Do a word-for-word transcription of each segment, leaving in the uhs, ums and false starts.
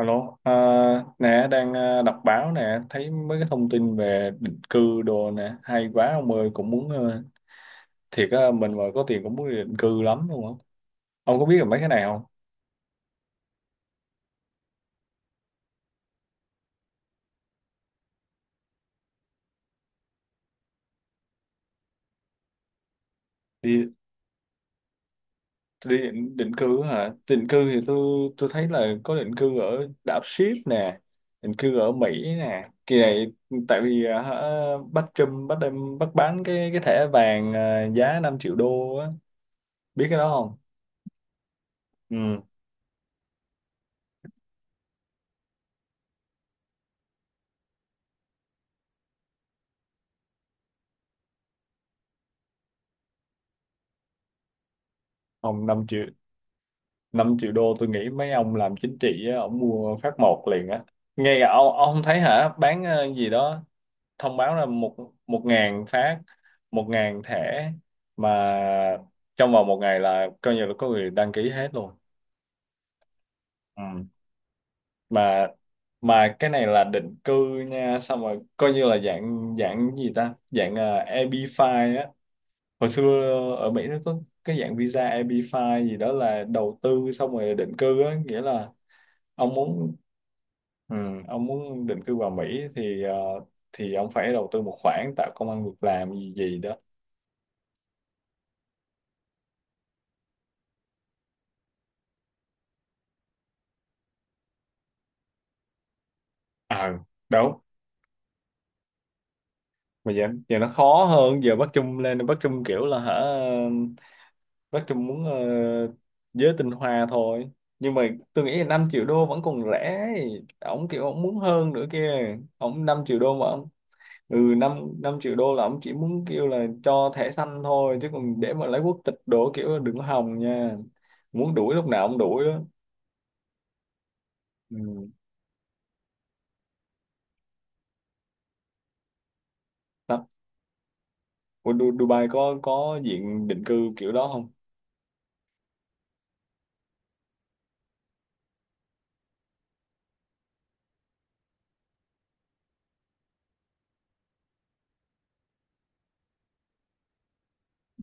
Alo, à, nè đang à, đọc báo nè, thấy mấy cái thông tin về định cư đồ nè, hay quá ông ơi, cũng muốn ờ, thiệt á, mình mà có tiền cũng muốn đi định cư lắm luôn á. Ông có biết là mấy cái này không? Đi đi định, định cư á hả? Định cư thì tôi tôi thấy là có định cư ở đảo Ship nè, định cư ở Mỹ nè. Kỳ này tại vì à, hả, bắt Trump bắt đem bắt bán cái cái thẻ vàng à, giá năm triệu đô á, biết cái đó không? Ừ, không năm triệu, năm triệu đô tôi nghĩ mấy ông làm chính trị á, ông mua phát một liền á, nghe cả ông, ông không thấy hả bán ờ, gì đó thông báo là một một ngàn phát, một ngàn thẻ mà trong vòng một ngày là coi như là có người đăng ký hết luôn. Ừ, mà mà cái này là định cư nha, xong rồi coi như là dạng dạng gì ta, dạng uh, i bi năm á. Hồi xưa ở Mỹ nó có cái dạng visa E B năm gì đó là đầu tư xong rồi định cư á, nghĩa là ông muốn, ừ, ông muốn định cư vào Mỹ thì ờ, thì ông phải đầu tư một khoản tạo công ăn việc làm gì gì đó. À, đúng. Mà giờ, giờ nó khó hơn, giờ Bắc Trung lên Bắc Trung kiểu là hả, Bắc Trung muốn ờ, giới tinh hoa thôi. Nhưng mà tôi nghĩ là năm triệu đô vẫn còn rẻ. Ông kiểu ông muốn hơn nữa kia. Ông năm triệu đô mà ông, ừ năm 5 triệu đô là ông chỉ muốn kêu là cho thẻ xanh thôi chứ còn để mà lấy quốc tịch đổ kiểu là đừng hòng nha. Muốn đuổi lúc nào ông đuổi đó. Ừ. Đó. Ủa, Du- Dubai có có diện định cư kiểu đó không?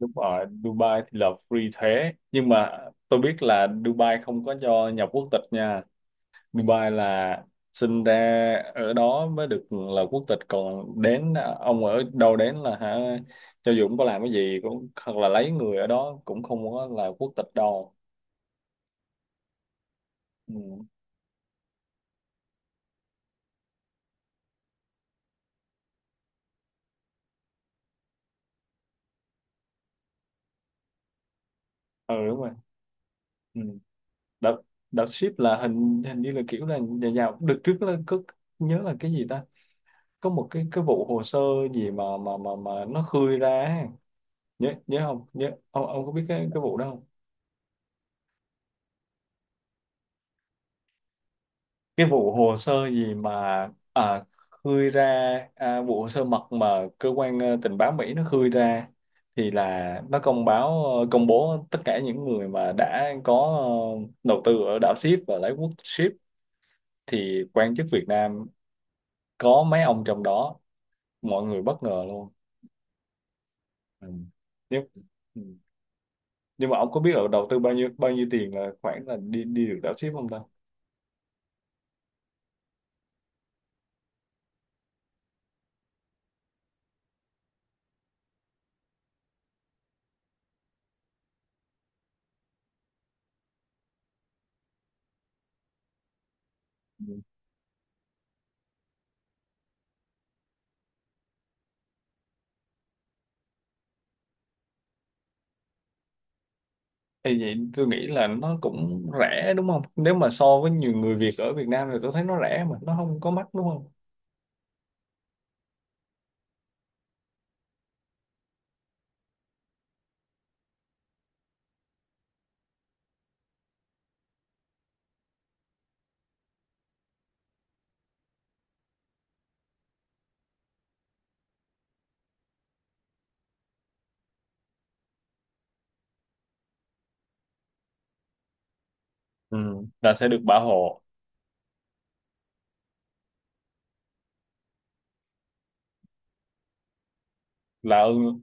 Đúng rồi, Dubai thì là free thuế. Nhưng mà tôi biết là Dubai không có cho nhập quốc tịch nha. Dubai là sinh ra ở đó mới được là quốc tịch. Còn đến, ông ở đâu đến là hả? Cho dù cũng có làm cái gì, cũng hoặc là lấy người ở đó cũng không có là quốc tịch đâu. Ừ, ừ đúng rồi. Ừ. Đợt, đợt ship là hình hình như là kiểu là nhà giàu. Đợt trước là có, nhớ là cái gì ta? Có một cái cái vụ hồ sơ gì mà mà mà mà nó khơi ra ấy. Nhớ nhớ không nhớ, ông ông có biết cái cái vụ đó không, cái vụ hồ sơ gì mà, à, khơi ra, à, vụ hồ sơ mật mà cơ quan ờ, tình báo Mỹ nó khơi ra thì là nó công báo ờ, công bố tất cả những người mà đã có ờ, đầu tư ở đảo ship và lấy quốc ship, thì quan chức Việt Nam có mấy ông trong đó, mọi người bất ngờ luôn. Ừ. Nếu- nhưng mà ông có biết là đầu tư bao nhiêu bao nhiêu tiền là khoảng là đi đi được đảo ship không ta? Ừ. Thì vậy tôi nghĩ là nó cũng rẻ đúng không, nếu mà so với nhiều người Việt ở Việt Nam thì tôi thấy nó rẻ mà nó không có mắc đúng không. Ừ. Là sẽ được bảo hộ. Là ơn,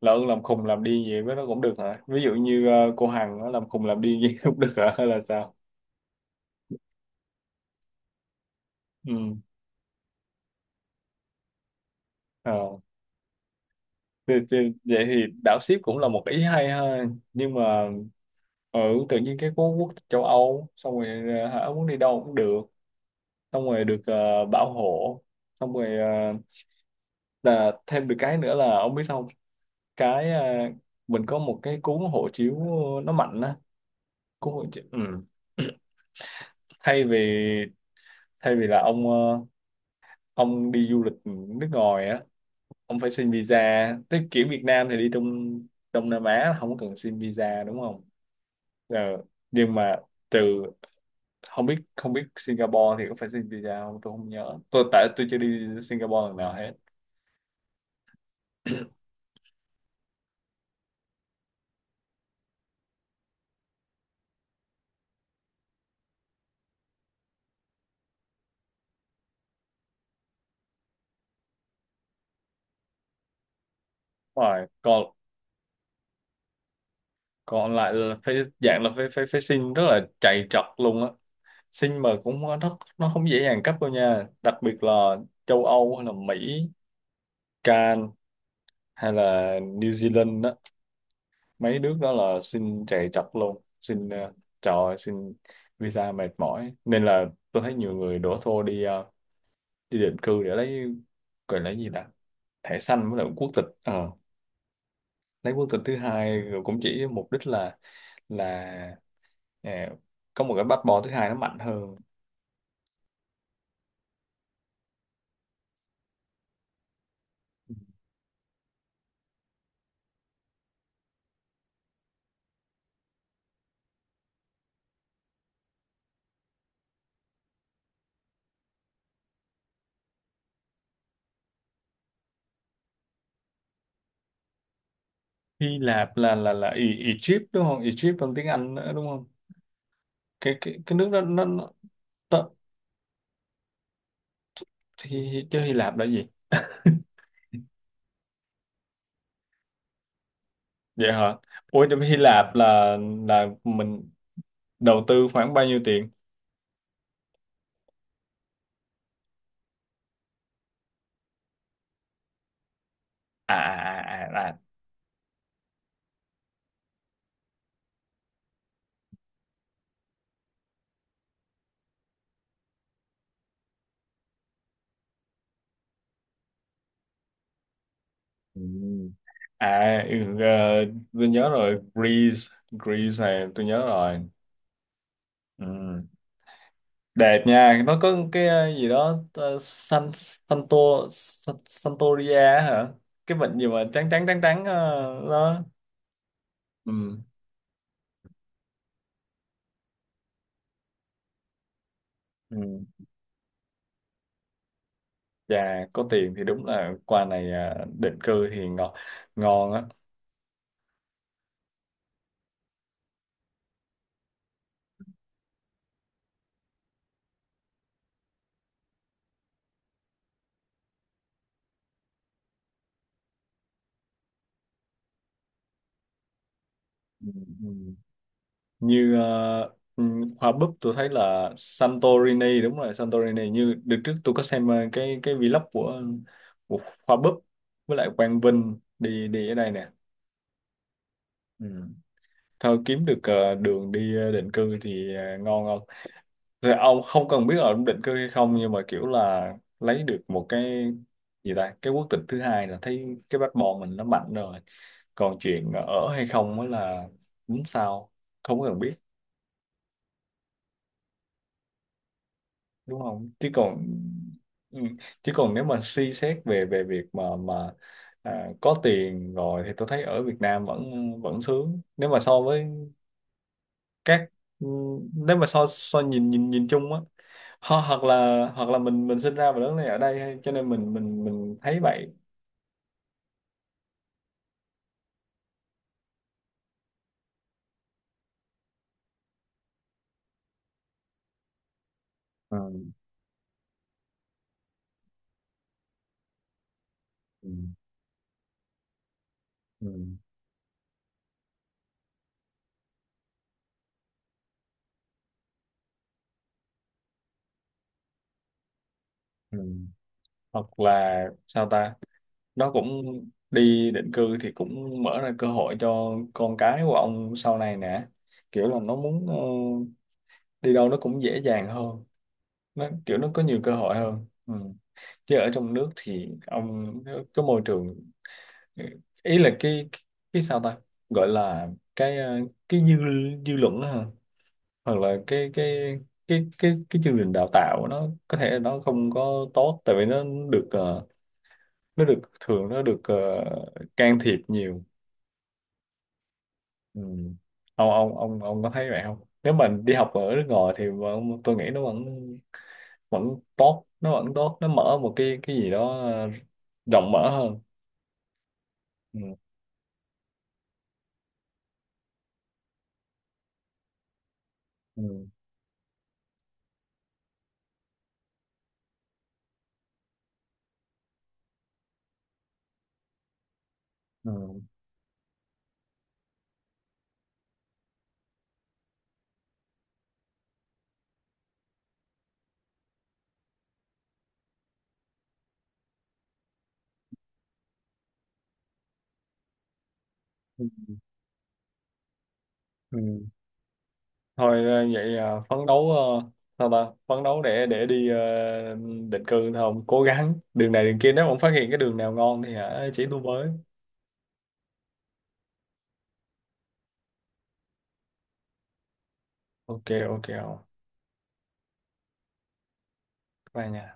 là ưng làm khùng làm điên gì với nó cũng được hả, ví dụ như ờ, cô Hằng nó làm khùng làm điên gì cũng được hả hay là sao. Ừ. Ờ. Thì, thì, vậy thì đảo ship cũng là một ý hay ha, nhưng mà ừ, tự nhiên cái quốc quốc tịch châu Âu xong rồi ờ, hả, muốn đi đâu cũng được, xong rồi được ờ, Bảo Hộ, xong rồi ờ, là thêm được cái nữa là ông biết sao không? Cái ờ, mình có một cái cuốn hộ chiếu nó mạnh á, cuốn hộ chiếu ừ. Thay vì, thay vì là ông ờ, ông đi du lịch nước ngoài á, ông phải xin visa, tới kiểu Việt Nam thì đi trong Đông Nam Á không có cần xin visa đúng không. Ờ, nhưng mà trừ, không biết không biết Singapore thì có phải xin visa không, tôi không nhớ tôi, tại tôi chưa đi Singapore lần nào hết. Rồi còn, còn lại là phải dạng là phải phải phải xin rất là chạy trật luôn á, xin mà cũng không- nó nó không dễ dàng cấp đâu nha, đặc biệt là châu Âu hay là Mỹ, Can hay là New Zealand đó, mấy nước đó là xin chạy trật luôn xin ờ, trời ơi, xin visa mệt mỏi nên là tôi thấy nhiều người đổ xô đi ờ, đi định cư để lấy, gọi là cái gì ta, thẻ xanh với lại quốc tịch. Ờ, lấy quốc tịch thứ hai rồi cũng chỉ mục đích là là ờ, có một cái passport thứ hai nó mạnh hơn. Hy Lạp là là là Ý, Egypt đúng không? Egypt trong tiếng Anh nữa đúng không? Cái cái cái nước đó nó nó tớ- thì chứ Hy Lạp là gì? Vậy hả? Ủa trong Hy Lạp là là mình đầu tư khoảng bao nhiêu tiền? À à à à. À, ừ. À ừ, ờ, tôi nhớ rồi, Greece, Greece này tôi nhớ rồi. Ừ. Đẹp nha, nó có cái ờ, gì đó ờ, San Santo, San- Santoria hả? Cái bệnh gì mà trắng trắng trắng trắng ờ, đó. Ừ. Ừ. Dạ có tiền thì đúng là quà này à, định cư thì ngon, ngon á. Ừ. Ừ. Như ờ, ừ, hoa búp tôi thấy là Santorini, đúng rồi Santorini, như đợt trước tôi có xem ờ, cái cái vlog của, của hoa búp với lại Quang Vinh đi đi ở đây nè. Ừ. Thôi kiếm được ờ, đường đi ờ, định cư thì ờ, ngon không, thì ông không cần biết là ông định cư hay không nhưng mà kiểu là lấy được một cái gì ta, cái quốc tịch thứ hai là thấy cái passport mình nó mạnh rồi, còn chuyện ở hay không mới là đúng sao, không có cần biết đúng không chứ còn, ừ, chứ còn nếu mà suy xét về về việc mà mà à, có tiền rồi thì tôi thấy ở Việt Nam vẫn vẫn sướng, nếu mà so với các, nếu mà so so nhìn nhìn nhìn chung á, ho, hoặc là, hoặc là mình mình sinh ra và lớn lên ở đây hay cho nên mình mình mình thấy vậy. Ừ, ừ, ừ, ừ. Hoặc là sao ta, nó cũng, đi định cư thì cũng mở ra cơ hội cho con cái của ông sau này nè, kiểu là nó muốn ờ, đi đâu nó cũng dễ dàng hơn, nó kiểu nó có nhiều cơ hội hơn. Ừ. Chứ ở trong nước thì ông, cái môi trường, ý là cái cái sao ta, gọi là cái ờ, cái dư, dư luận đó, hả? Hoặc là cái cái cái cái cái chương trình đào tạo nó có thể nó không có tốt, tại vì nó được ờ, nó được thường nó được ờ, can thiệp nhiều. Ừ. ông ông ông ông có thấy vậy không, nếu mình đi học ở nước ngoài thì vẫn- tôi nghĩ nó vẫn, vẫn tốt, nó vẫn tốt, nó mở một cái cái gì đó ờ, rộng mở hơn. Ừ. Ừ. Ừ. Ừ. Thôi ờ, vậy ờ, phấn đấu ờ, sao ta, phấn đấu để để đi ờ, định cư thôi, ông cố gắng đường này đường kia, nếu ông phát hiện cái đường nào ngon thì hả chỉ tôi với. Ok, ok, không, bye nha.